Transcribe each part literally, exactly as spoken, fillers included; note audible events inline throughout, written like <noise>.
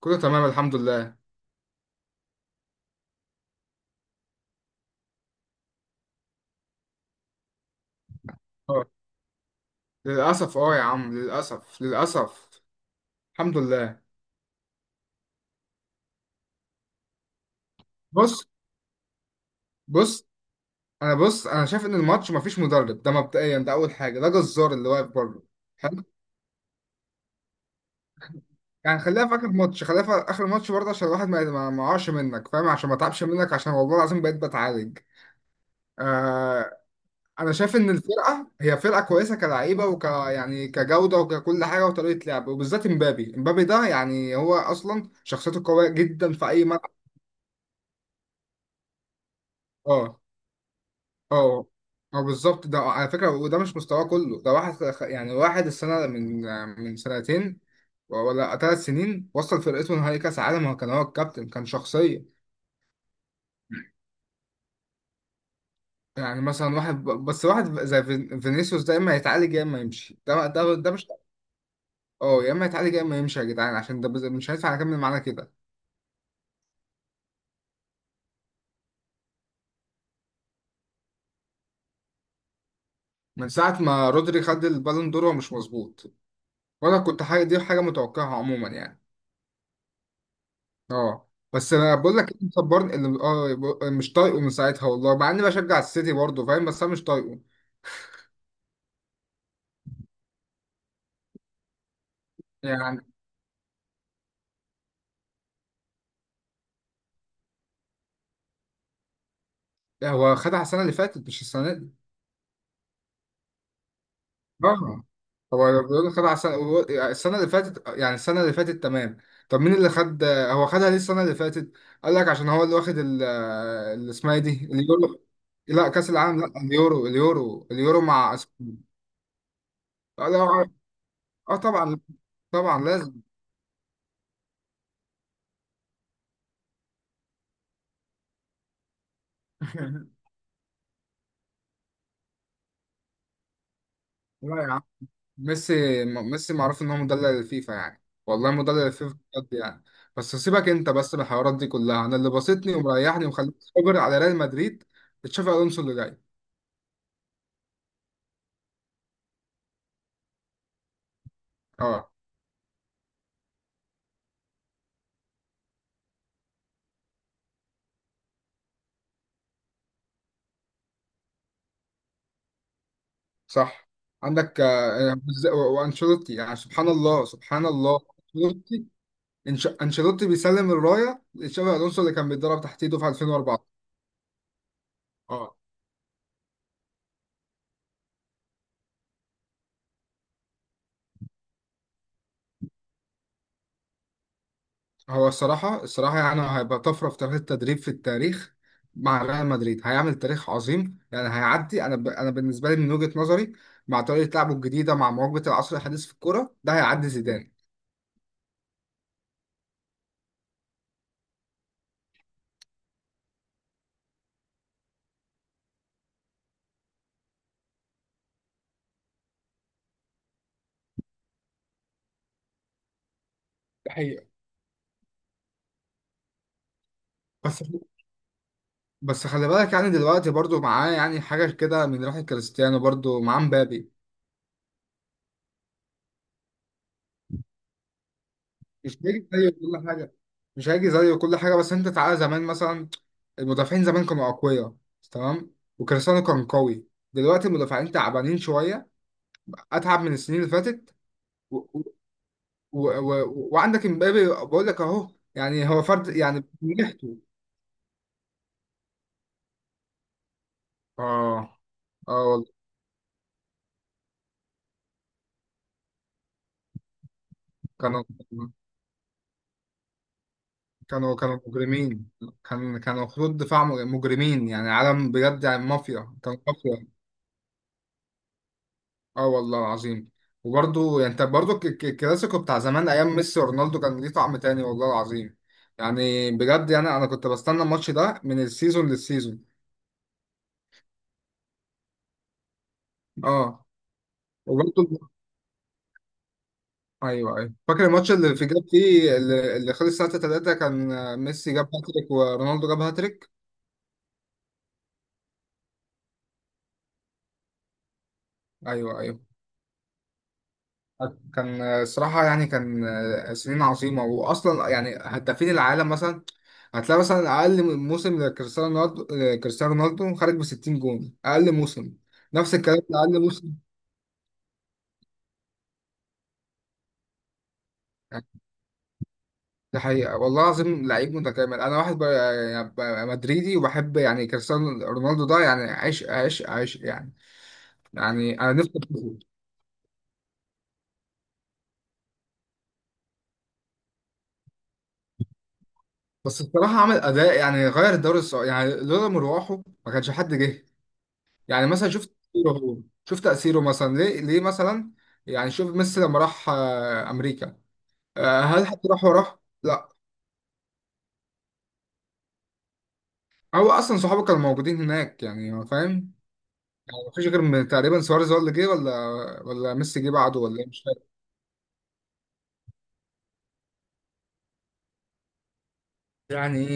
كله تمام الحمد لله. اه، للأسف. اه يا عم، للأسف للأسف. الحمد لله. بص بص أنا بص أنا شايف إن الماتش مفيش مدرب، ده مبدئيا، ده أول حاجة، ده جزار اللي واقف بره. حلو. يعني خليها في آخر ماتش، خليها في آخر ماتش برضه، عشان الواحد ما ما ما يقعش منك، فاهم؟ عشان ما تعبش منك، عشان والله العظيم بقيت بتعالج. آه، أنا شايف إن الفرقة هي فرقة كويسة، كلعيبة وك يعني كجودة وككل حاجة وطريقة لعب، وبالذات إمبابي. إمبابي ده يعني هو أصلا شخصيته قوية جدا في أي ملعب. اه اه اه، بالظبط. ده على فكرة، وده مش مستواه كله. ده واحد خ- يعني واحد السنة من من سنتين ولا ثلاث سنين وصل فرقته نهائي كأس عالم. هو كان هو الكابتن، كان شخصية. يعني مثلا واحد ب- بس واحد زي فين- فينيسيوس ده، يا اما يتعالج يا اما يمشي، ده ده ده مش. اه، يا اما يتعالج يا اما يمشي، يا جدعان، عشان ده بز- مش هينفع اكمل معانا كده. من ساعة ما رودري خد البالون دور، هو مش مظبوط، وانا كنت حاجة دي حاجة متوقعها عموما يعني. اه، بس انا بقول لك، اللي مصبرني، اللي اه ب- مش طايقه من ساعتها والله، مع اني بشجع السيتي برضه، فاهم؟ بس انا مش طايقه. يعني هو خدها السنه اللي فاتت، مش السنه دي. اه، هو بيقول خدها السنه هو- السنه اللي فاتت، يعني السنه اللي فاتت، تمام. طب مين اللي خد؟ هو خدها ليه السنه اللي فاتت؟ قال لك عشان هو اللي واخد ال- اللي اسمها إيه دي، اليورو. لا، كاس العالم، لا، اليورو، اليورو اليورو مع أسبانيا. لا، اه طبعا، طبعا لازم. <laughs> لا يا ميسي، م- ميسي معروف ان هو مدلل الفيفا، يعني والله مدلل الفيفا بجد يعني. بس سيبك انت بس من الحوارات دي كلها، انا اللي بسطني ومريحني ومخليني صابر على ريال مدريد تشافي الونسو اللي جاي. اه، صح. عندك آه، وز- و- وانشيلوتي، يعني سبحان الله، سبحان الله. انشيلوتي، إنش- انشيلوتي بيسلم الرايه لتشافي الونسو اللي كان بيتدرب تحت ايده في ألفين وأربعة. هو الصراحة الصراحة يعني هيبقى طفرة في تاريخ التدريب، في التاريخ. مع ريال مدريد هيعمل تاريخ عظيم يعني هيعدي. أنا ب... أنا بالنسبة لي من وجهة نظري، مع طريقة لعبه الجديدة مع مواكبة العصر الحديث في الكورة، ده هيعدي زيدان. ده حقيقة. بس بس خلي بالك، يعني دلوقتي برضو معاه يعني حاجة كده من ريحة كريستيانو، برضو معاه مبابي. مش هيجي زيه كل حاجة. مش هيجي زيه كل حاجة، بس أنت تعالى زمان مثلا، المدافعين زمان كانوا أقوياء، تمام، وكريستيانو كان قوي. دلوقتي المدافعين تعبانين شوية، اتعب من السنين اللي فاتت. و... و... و... و... وعندك امبابي بقول لك اهو، يعني هو فرد يعني نجحته. اه، اه والله، كانوا كانوا كانوا مجرمين. كان كانوا خطوط دفاع مجرمين، يعني عالم بجد، يعني مافيا، كانوا مافيا. اه والله العظيم. وبرضه يعني انت برضه الك- الك- الكلاسيكو بتاع زمان، ايام ميسي ورونالدو، كان ليه طعم تاني والله العظيم. يعني بجد، يعني انا كنت بستنى الماتش ده من السيزون للسيزون. اه وبرضه، ايوه ايوه، فاكر الماتش اللي في جاب فيه، اللي اللي خلص ساعة تلاتة. كان آه، ميسي جاب هاتريك ورونالدو جاب هاتريك. ايوه ايوه. كان آه، الصراحة يعني، كان آه، سنين عظيمة، واصلا يعني هدافين العالم مثلا، هتلاقي مثلا اقل موسم لكريستيانو رونالدو، آه، كريستيانو رونالدو خارج ب ستين جون اقل موسم. نفس الكلام، اقل موسم. ده حقيقة والله العظيم، لعيب متكامل. أنا واحد ب- يعني ب- مدريدي، وبحب يعني كريستيانو رونالدو، ده يعني عشق عشق عشق يعني. يعني أنا نفسي أشوفه. بس بصراحة عمل أداء، يعني غير الدوري السعودي، يعني لولا مروحه ما كانش حد جه. يعني مثلا شوف تأثيره هو، شوف تأثيره مثلا، ليه؟ ليه مثلا؟ يعني شوف ميسي لما راح آه، أمريكا، آه، هل حد راح وراه؟ لا. هو أصلا صحابه كانوا موجودين هناك، يعني هو فاهم. يعني مفيش غير م- تقريبا سواريز هو اللي جه، ولا ولا ميسي جه بعده، ولا إيه؟ مش يعني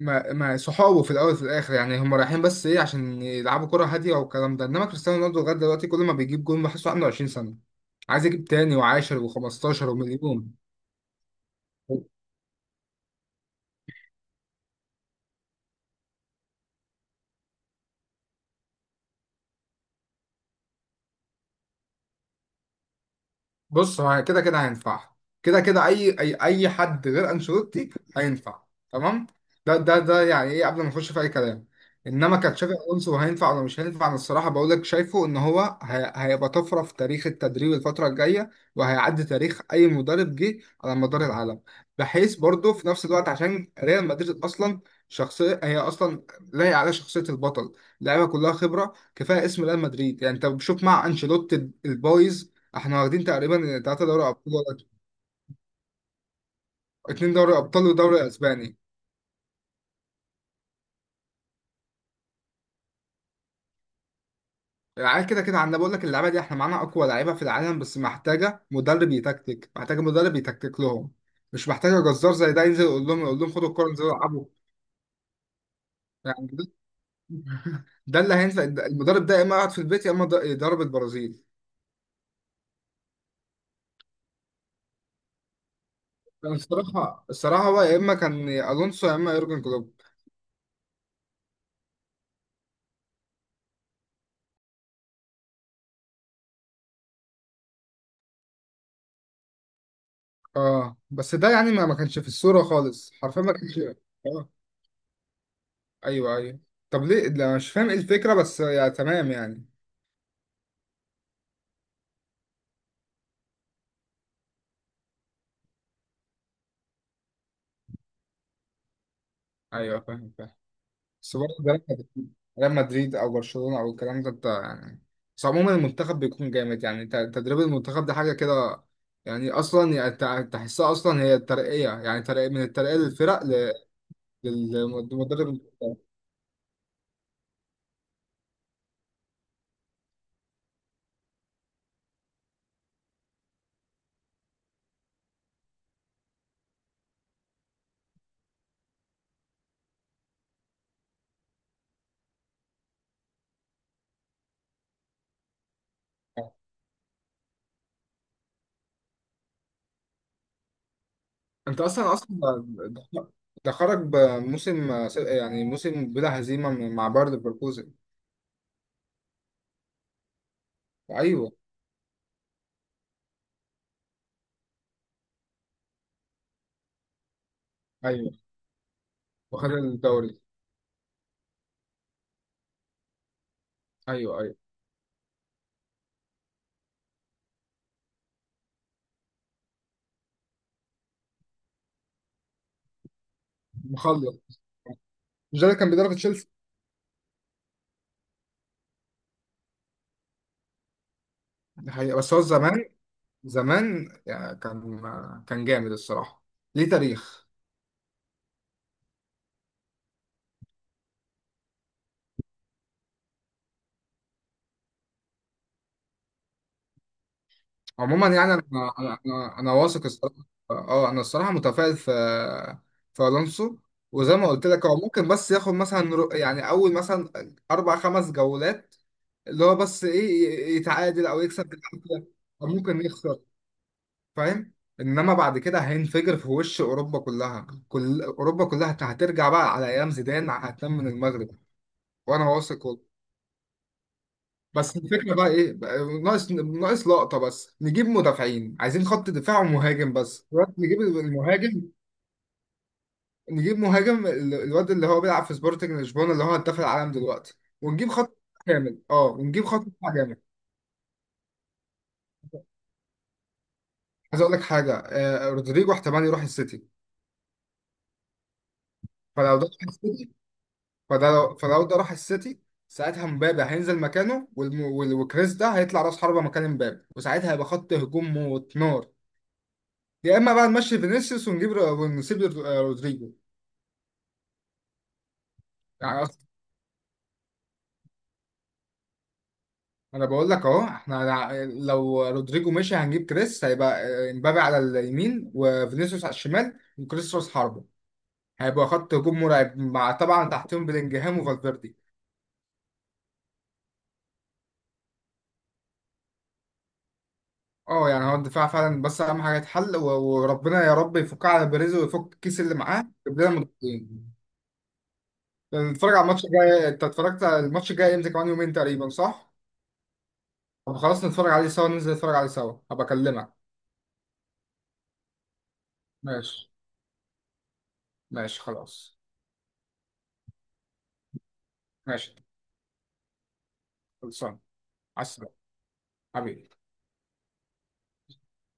ما ما صحابه في الاول وفي الاخر، يعني هم رايحين بس ايه، عشان يلعبوا كرة هادية والكلام ده. انما كريستيانو رونالدو لغاية دلوقتي كل ما بيجيب جون بحسه عنده عشرين سنة، عايز يجيب تاني وعاشر وخمستاشر ومليون. بص، هو كده كده هينفع. كده كده، اي اي اي حد غير انشيلوتي هينفع، تمام. ده ده ده يعني ايه قبل ما نخش في اي كلام. انما كتشافي الونسو هينفع ولا مش هينفع، انا الصراحه بقول لك، شايفه ان هو هي- هيبقى طفره في تاريخ التدريب الفتره الجايه، وهيعدي تاريخ اي مدرب جه على مدار العالم، بحيث برضه في نفس الوقت، عشان ريال مدريد اصلا شخصيه، هي اصلا لايقه على شخصيه البطل، اللعيبه كلها خبره، كفايه اسم ريال مدريد. يعني انت بتشوف مع انشيلوتي البايظ احنا واخدين تقريبا تلاتة دوري ابطال، ولا اتنين دوري ابطال ودوري اسباني. العيال كده كده عندنا، بقول لك اللعيبه دي احنا معانا اقوى لعيبه في العالم، بس محتاجه مدرب يتكتك، محتاجه مدرب يتكتك لهم، مش محتاجه جزار زي ده ينزل يقول لهم، يقول لهم خدوا الكوره انزلوا العبوا. يعني ده, <laughs> ده اللي هينفع. المدرب ده يا اما يقعد في البيت، يا اما ض- يدرب البرازيل. كان الصراحه، الصراحه هو يا اما كان الونسو، يا اما يورجن كلوب. اه، بس ده يعني ما ما كانش في الصوره خالص حرفيا ما كانش. آه. ايوه ايوه. طب ليه لا؟ مش فاهم ايه الفكره، بس يا تمام يعني. ايوه، فاهم فاهم. بس برضه ده ريال مدريد، ريال مدريد او برشلونه او الكلام ده، انت يعني. بس عموما المنتخب بيكون جامد، يعني ت- تدريب المنتخب ده حاجه كده. يعني اصلا يعني تع- تحسها اصلا هي ترقيه، يعني ترقيه من الترقيه للفرق ل- للمدرب. انت اصلا اصلا ده ده- ده خرج بموسم س- يعني موسم بلا هزيمه من- مع باير ليفركوزن. ايوه ايوه، وخد الدوري. ايوه ايوه، مخلص. مش ده اللي كان بيدرب تشيلسي؟ دي حقيقة، بس هو زمان، زمان يعني كان، كان جامد الصراحة، ليه تاريخ. عموما يعني انا انا انا, أنا واثق الصراحة. اه انا الصراحة متفائل في، في الونسو. وزي ما قلت لك، هو ممكن بس ياخد مثلا رو- يعني اول مثلا اربع خمس جولات، اللي هو بس ايه، يتعادل او يكسب بالعافية، او ممكن يخسر، فاهم؟ انما بعد كده هينفجر في وش اوروبا كلها، كل اوروبا كلها هترجع بقى على ايام زيدان، هتنام من المغرب. وانا واثق والله. بس الفكره بقى ايه بقى، ناقص ناقص لقطه بس، نجيب مدافعين، عايزين خط دفاع ومهاجم، بس دلوقتي نجيب المهاجم. نجيب مهاجم، ال- الواد اللي هو بيلعب في سبورتنج لشبونه اللي هو هداف العالم دلوقتي. ونجيب خط كامل. اه، ونجيب خط دفاع جامد. عايز اقول لك حاجه، آه رودريجو احتمال يروح السيتي. فلو ده راح السيتي، فده لو فلو ده راح السيتي، ساعتها مبابي هينزل مكانه، والم- وال- وكريس ده هيطلع راس حربه مكان مبابي، وساعتها هيبقى خط هجوم موت نار. يا اما بقى نمشي فينيسيوس ونجيب رو- ونسيب رو- آه، رودريجو. يعني أص- انا بقول لك اهو، احنا ع- لو رودريجو مشي هنجيب كريس، هيبقى آه، امبابي على اليمين وفينيسيوس على الشمال وكريس راس حربة، هيبقى خط هجوم مرعب، مع طبعا تحتهم بلينجهام وفالفيردي. اه، يعني هو الدفاع فعلا بس، اهم حاجه يتحل، و- وربنا يا رب يفكها على بيريز ويفك الكيس اللي معاه، يجيب لنا مدافعين. نتفرج على الماتش الجاي. انت اتفرجت على الماتش الجاي امتى؟ كمان يومين تقريبا، صح؟ طب خلاص نتفرج عليه سوا، ننزل نتفرج عليه سوا، هبقى اكلمك. ماشي، ماشي خلاص. ماشي، خلصان. عسل. حبيبي.